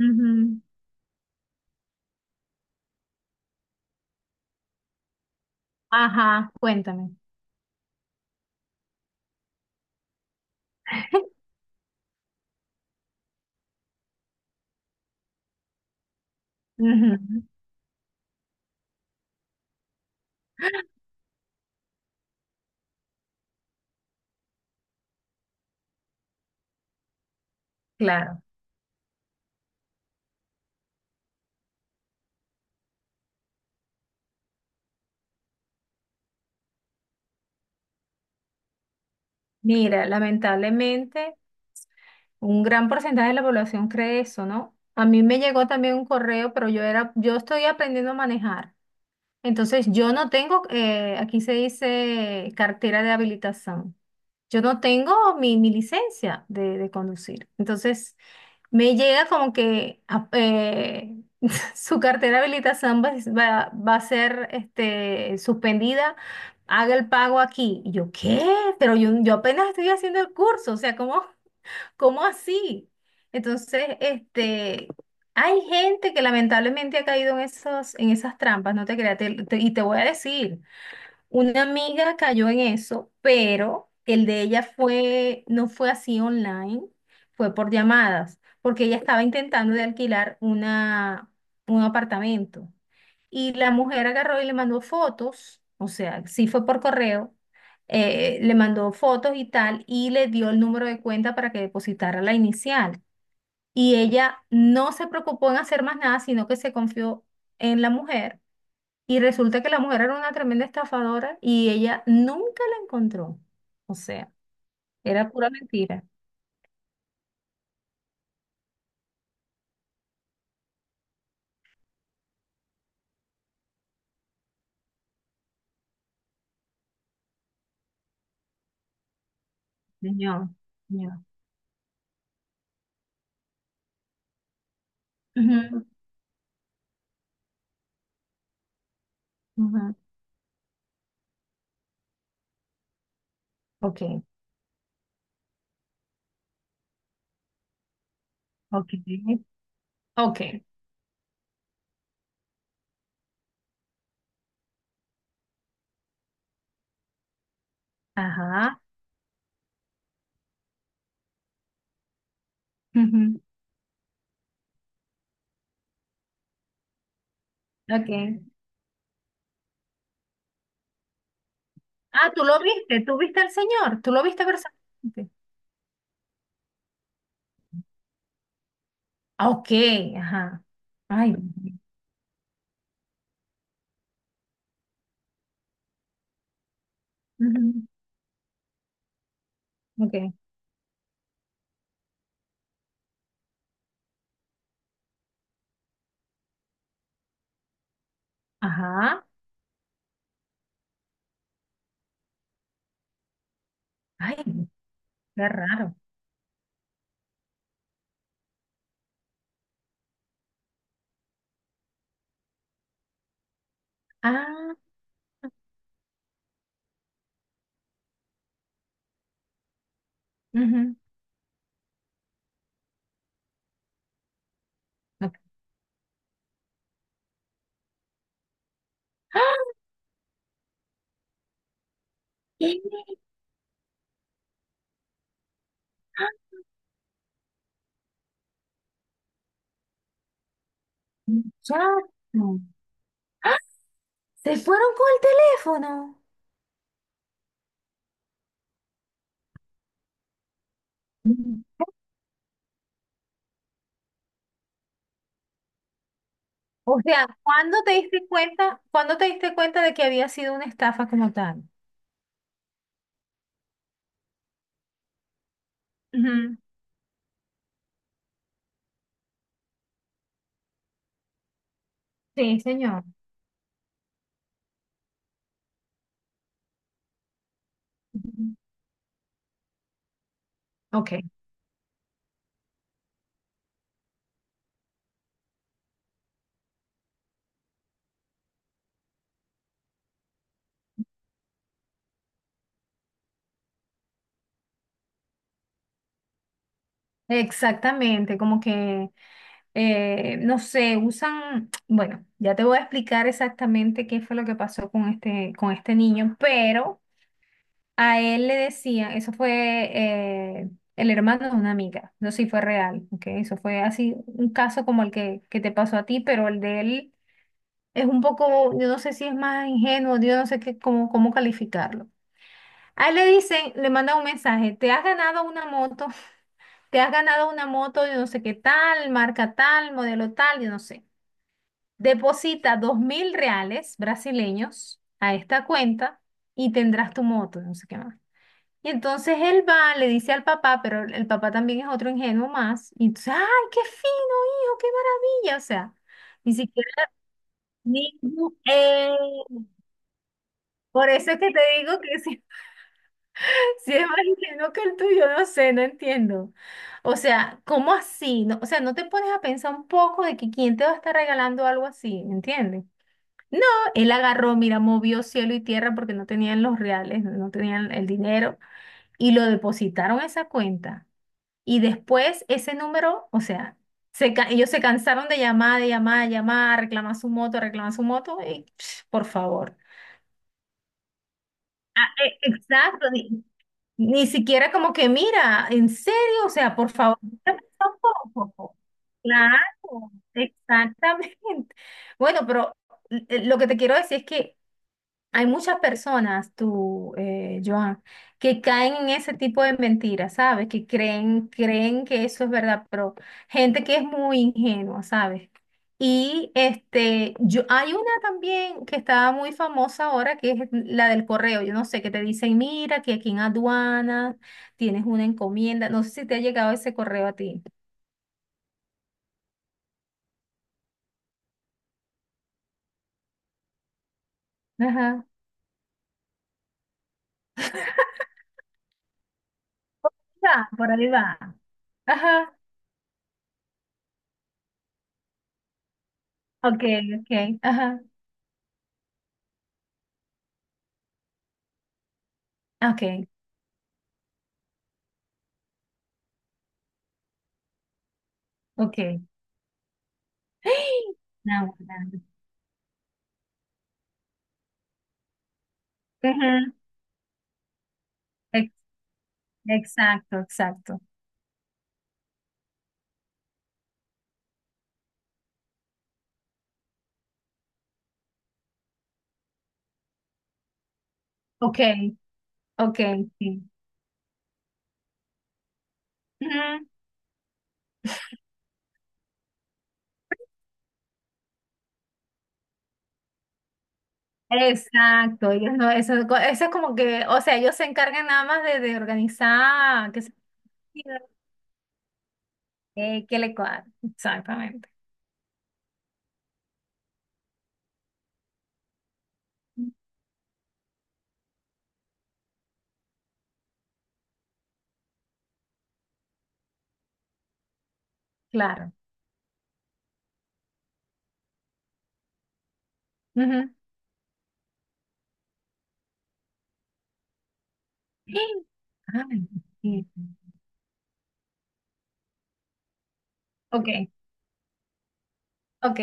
Ujú. Ajá, cuéntame. Ujú. Claro. Mira, lamentablemente un gran porcentaje de la población cree eso, ¿no? A mí me llegó también un correo, pero yo estoy aprendiendo a manejar. Entonces, yo no tengo, aquí se dice cartera de habilitación. Yo no tengo mi licencia de conducir. Entonces, me llega como que su cartera de habilitación va a ser este, suspendida, haga el pago aquí. Y yo, ¿qué? Pero yo apenas estoy haciendo el curso, o sea, ¿cómo, cómo así? Entonces, este, hay gente que lamentablemente ha caído en esos, en esas trampas, no te creas, y te voy a decir. Una amiga cayó en eso, pero el de ella fue, no fue así online, fue por llamadas, porque ella estaba intentando de alquilar un apartamento. Y la mujer agarró y le mandó fotos, o sea, sí fue por correo, le mandó fotos y tal, y le dio el número de cuenta para que depositara la inicial. Y ella no se preocupó en hacer más nada, sino que se confió en la mujer y resulta que la mujer era una tremenda estafadora y ella nunca la encontró. O sea, era pura mentira. Señor, señor. Ujú, ujú. Ok, ok, ok. Ajá. Ujú, ok. Ah, tú lo viste, tú viste al señor, tú lo viste personalmente. Ah, ok, ajá. Ay, ujú, ok. Ajá. Ay, qué raro. Ah, ujú, ok. ¡Ah! ¡Qué! Muchacho. Se fueron con el teléfono. Mm. O sea, ¿cuándo te diste cuenta, cuándo te diste cuenta de que había sido una estafa como tal? Ujú. Sí, señor. Ujú. Ok. Exactamente, como que, no sé, usan, bueno, ya te voy a explicar exactamente qué fue lo que pasó con este niño, pero a él le decían, eso fue el hermano de una amiga, no sé si fue real, ¿ok? Eso fue así un caso como el que te pasó a ti, pero el de él es un poco, yo no sé si es más ingenuo, yo no sé qué, cómo, cómo calificarlo. A él le dicen, le manda un mensaje, te has ganado una moto, te has ganado una moto, yo no sé qué tal, marca tal, modelo tal, yo no sé. Deposita 2.000 reales brasileños a esta cuenta y tendrás tu moto, no sé qué más. Y entonces él va, le dice al papá, pero el papá también es otro ingenuo más. Y entonces, ¡ay, qué fino, hijo, qué maravilla! O sea, ni siquiera... Ni, por eso es que te digo que si es más ingenuo que el tuyo, no sé, no entiendo. O sea, ¿cómo así? No, o sea, no te pones a pensar un poco de que quién te va a estar regalando algo así, ¿entiendes? No, él agarró, mira, movió cielo y tierra porque no tenían los reales, no tenían el dinero y lo depositaron a esa cuenta. Y después ese número, o sea, ellos se cansaron de llamar, de llamar, de llamar, reclamar su moto y psh, por favor. Exacto, ni siquiera como que, mira, en serio, o sea, por favor, tampoco. Claro, exactamente. Bueno, pero lo que te quiero decir es que hay muchas personas, tú, Joan, que caen en ese tipo de mentiras, ¿sabes? Que creen que eso es verdad, pero gente que es muy ingenua, ¿sabes? Y este, yo, hay una también que está muy famosa ahora, que es la del correo. Yo no sé, que te dicen, mira, que aquí en aduana tienes una encomienda. No sé si te ha llegado ese correo a ti. Ajá. Por ahí va. Por ahí va. Ajá. Ok, ok. Ajá. Ok, ok. Now we're. Ujú. Ex- Exacto, exacto. Ok, ok, sí. Ujú. Exacto, ellos no, eso es como que, o sea, ellos se encargan nada más de organizar, que se que le cuadre. Exactamente. Claro. Ujú. Ay, sí. Ok, ok,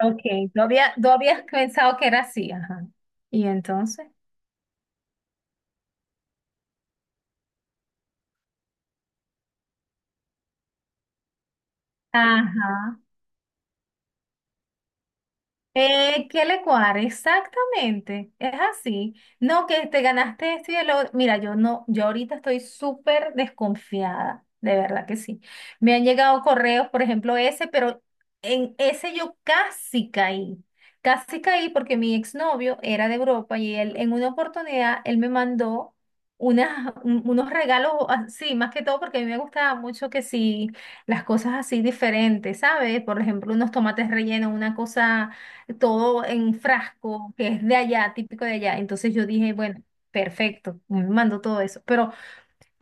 ok. Tú habías pensado que era así, ajá. Y entonces, ajá. ¿Qué le cuadra? Exactamente, es así. No, que te ganaste esto y el otro. Mira, yo no, yo ahorita estoy súper desconfiada, de verdad que sí. Me han llegado correos, por ejemplo, ese, pero en ese yo casi caí. Casi caí porque mi exnovio era de Europa y él en una oportunidad, él me mandó unos regalos así, más que todo porque a mí me gustaba mucho que sí, las cosas así diferentes, ¿sabes? Por ejemplo, unos tomates rellenos, una cosa todo en frasco, que es de allá, típico de allá. Entonces yo dije, bueno, perfecto, me mando todo eso. Pero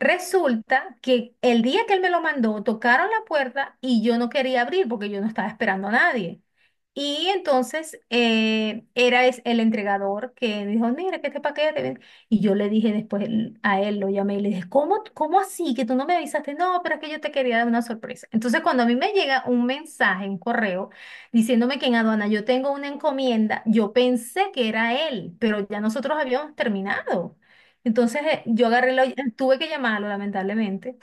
resulta que el día que él me lo mandó, tocaron la puerta y yo no quería abrir porque yo no estaba esperando a nadie. Y entonces era es- el entregador que dijo, mira, que este paquete. Ven". Y yo le dije después a él, lo llamé y le dije, ¿cómo, cómo así que tú no me avisaste? No, pero es que yo te quería dar una sorpresa. Entonces cuando a mí me llega un mensaje, un correo, diciéndome que en aduana yo tengo una encomienda, yo pensé que era él, pero ya nosotros habíamos terminado. Entonces tuve que llamarlo lamentablemente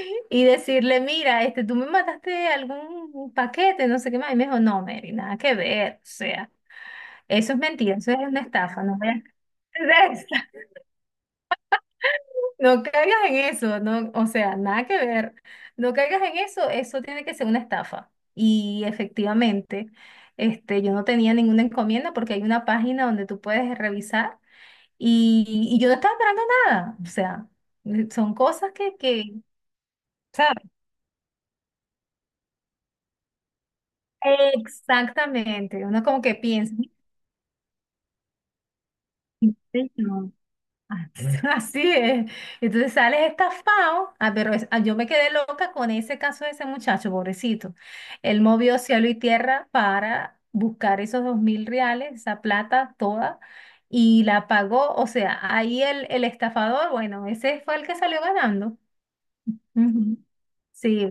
y decirle, mira, este, tú me mandaste algún paquete, no sé qué más. Y me dijo, no, Mary, nada que ver. O sea, eso es mentira, eso es una estafa, no vayas a hacer eso. No caigas en eso, no, o sea, nada que ver. No caigas en eso, eso tiene que ser una estafa. Y efectivamente, este, yo no tenía ninguna encomienda porque hay una página donde tú puedes revisar y, y yo no estaba esperando nada. O sea, son cosas que, ¿sabes? Exactamente, uno como que piensa, "Ay, señor, así así es. Entonces sales estafado, ah, pero yo me quedé loca con ese caso de ese muchacho, pobrecito. Él movió cielo y tierra para buscar esos 2.000 reales, esa plata toda, y la pagó. O sea, ahí el estafador, bueno, ese fue el que salió ganando. Ujú. Sí,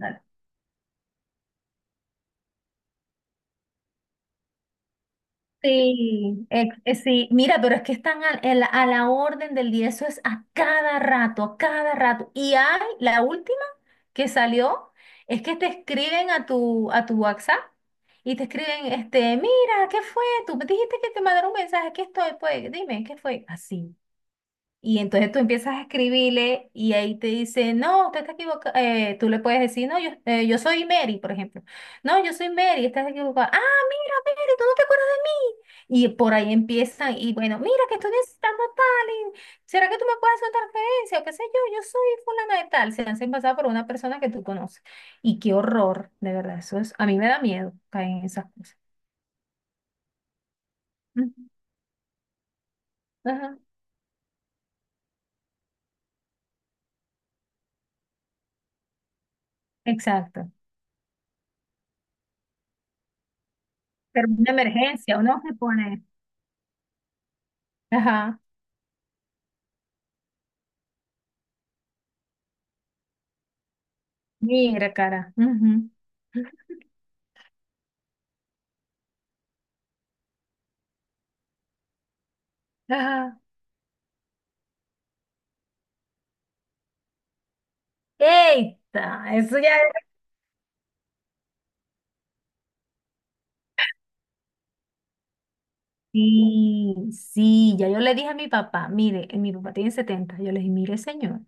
sí, sí, mira, pero es que están la orden del día, eso es a cada rato, a cada rato. Y hay la última que salió, es que te escriben a tu WhatsApp y te escriben, este, mira, ¿qué fue? Tú me dijiste que te mandaron un mensaje, aquí estoy, pues, dime, ¿qué fue? Así. Y entonces tú empiezas a escribirle y ahí te dice, no, usted está equivocado. Tú le puedes decir, no, yo, yo soy Mary, por ejemplo. No, yo soy Mary, estás equivocada. Ah, mira, Mary, tú no te acuerdas de mí. Y por ahí empiezan, y bueno, mira que estoy necesitando tal, y ¿será que tú me puedes hacer una transferencia? O qué sé yo, yo soy fulana de tal. Se hacen pasar por una persona que tú conoces. Y qué horror, de verdad. Eso es, a mí me da miedo caer en esas cosas. Ujú, ajá, exacto. Pero una emergencia, uno se pone. Ajá. Mira, cara. Ujú. Ajá. Eita, eso ya era. Sí, sí, ya yo le dije a mi papá, mire, mi papá tiene 70. Yo le dije, mire, señor,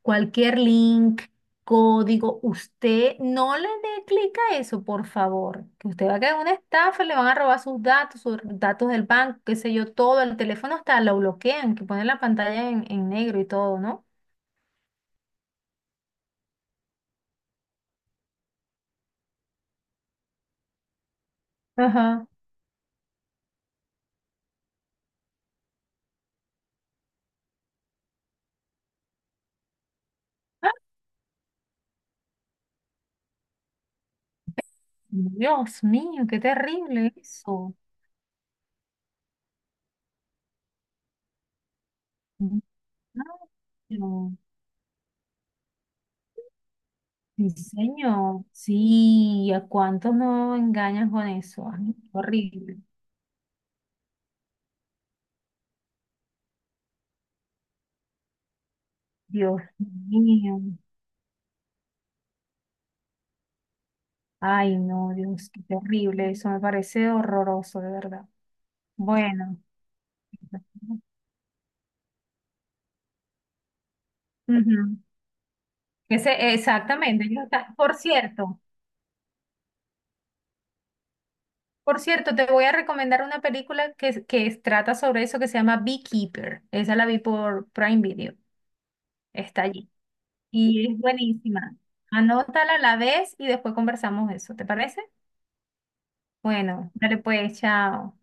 cualquier link, código, usted no le dé clic a eso, por favor, que usted va a caer en una estafa, le van a robar sus datos del banco, qué sé yo, todo, el teléfono hasta lo bloquean, que ponen la pantalla en negro y todo, ¿no? Ajá. Dios mío, qué terrible eso. Ah, no. Sí, señor. Sí, ¿a cuántos no engañan con eso? Ay, qué horrible. Dios mío. Ay, no, Dios, qué terrible. Eso me parece horroroso, de verdad. Bueno. Ujú. Ese, exactamente. Por cierto, te voy a recomendar una película que, trata sobre eso que se llama Beekeeper. Esa la vi por Prime Video. Está allí. Y es buenísima. Anótala a la vez y después conversamos de eso, ¿te parece? Bueno, dale pues, chao.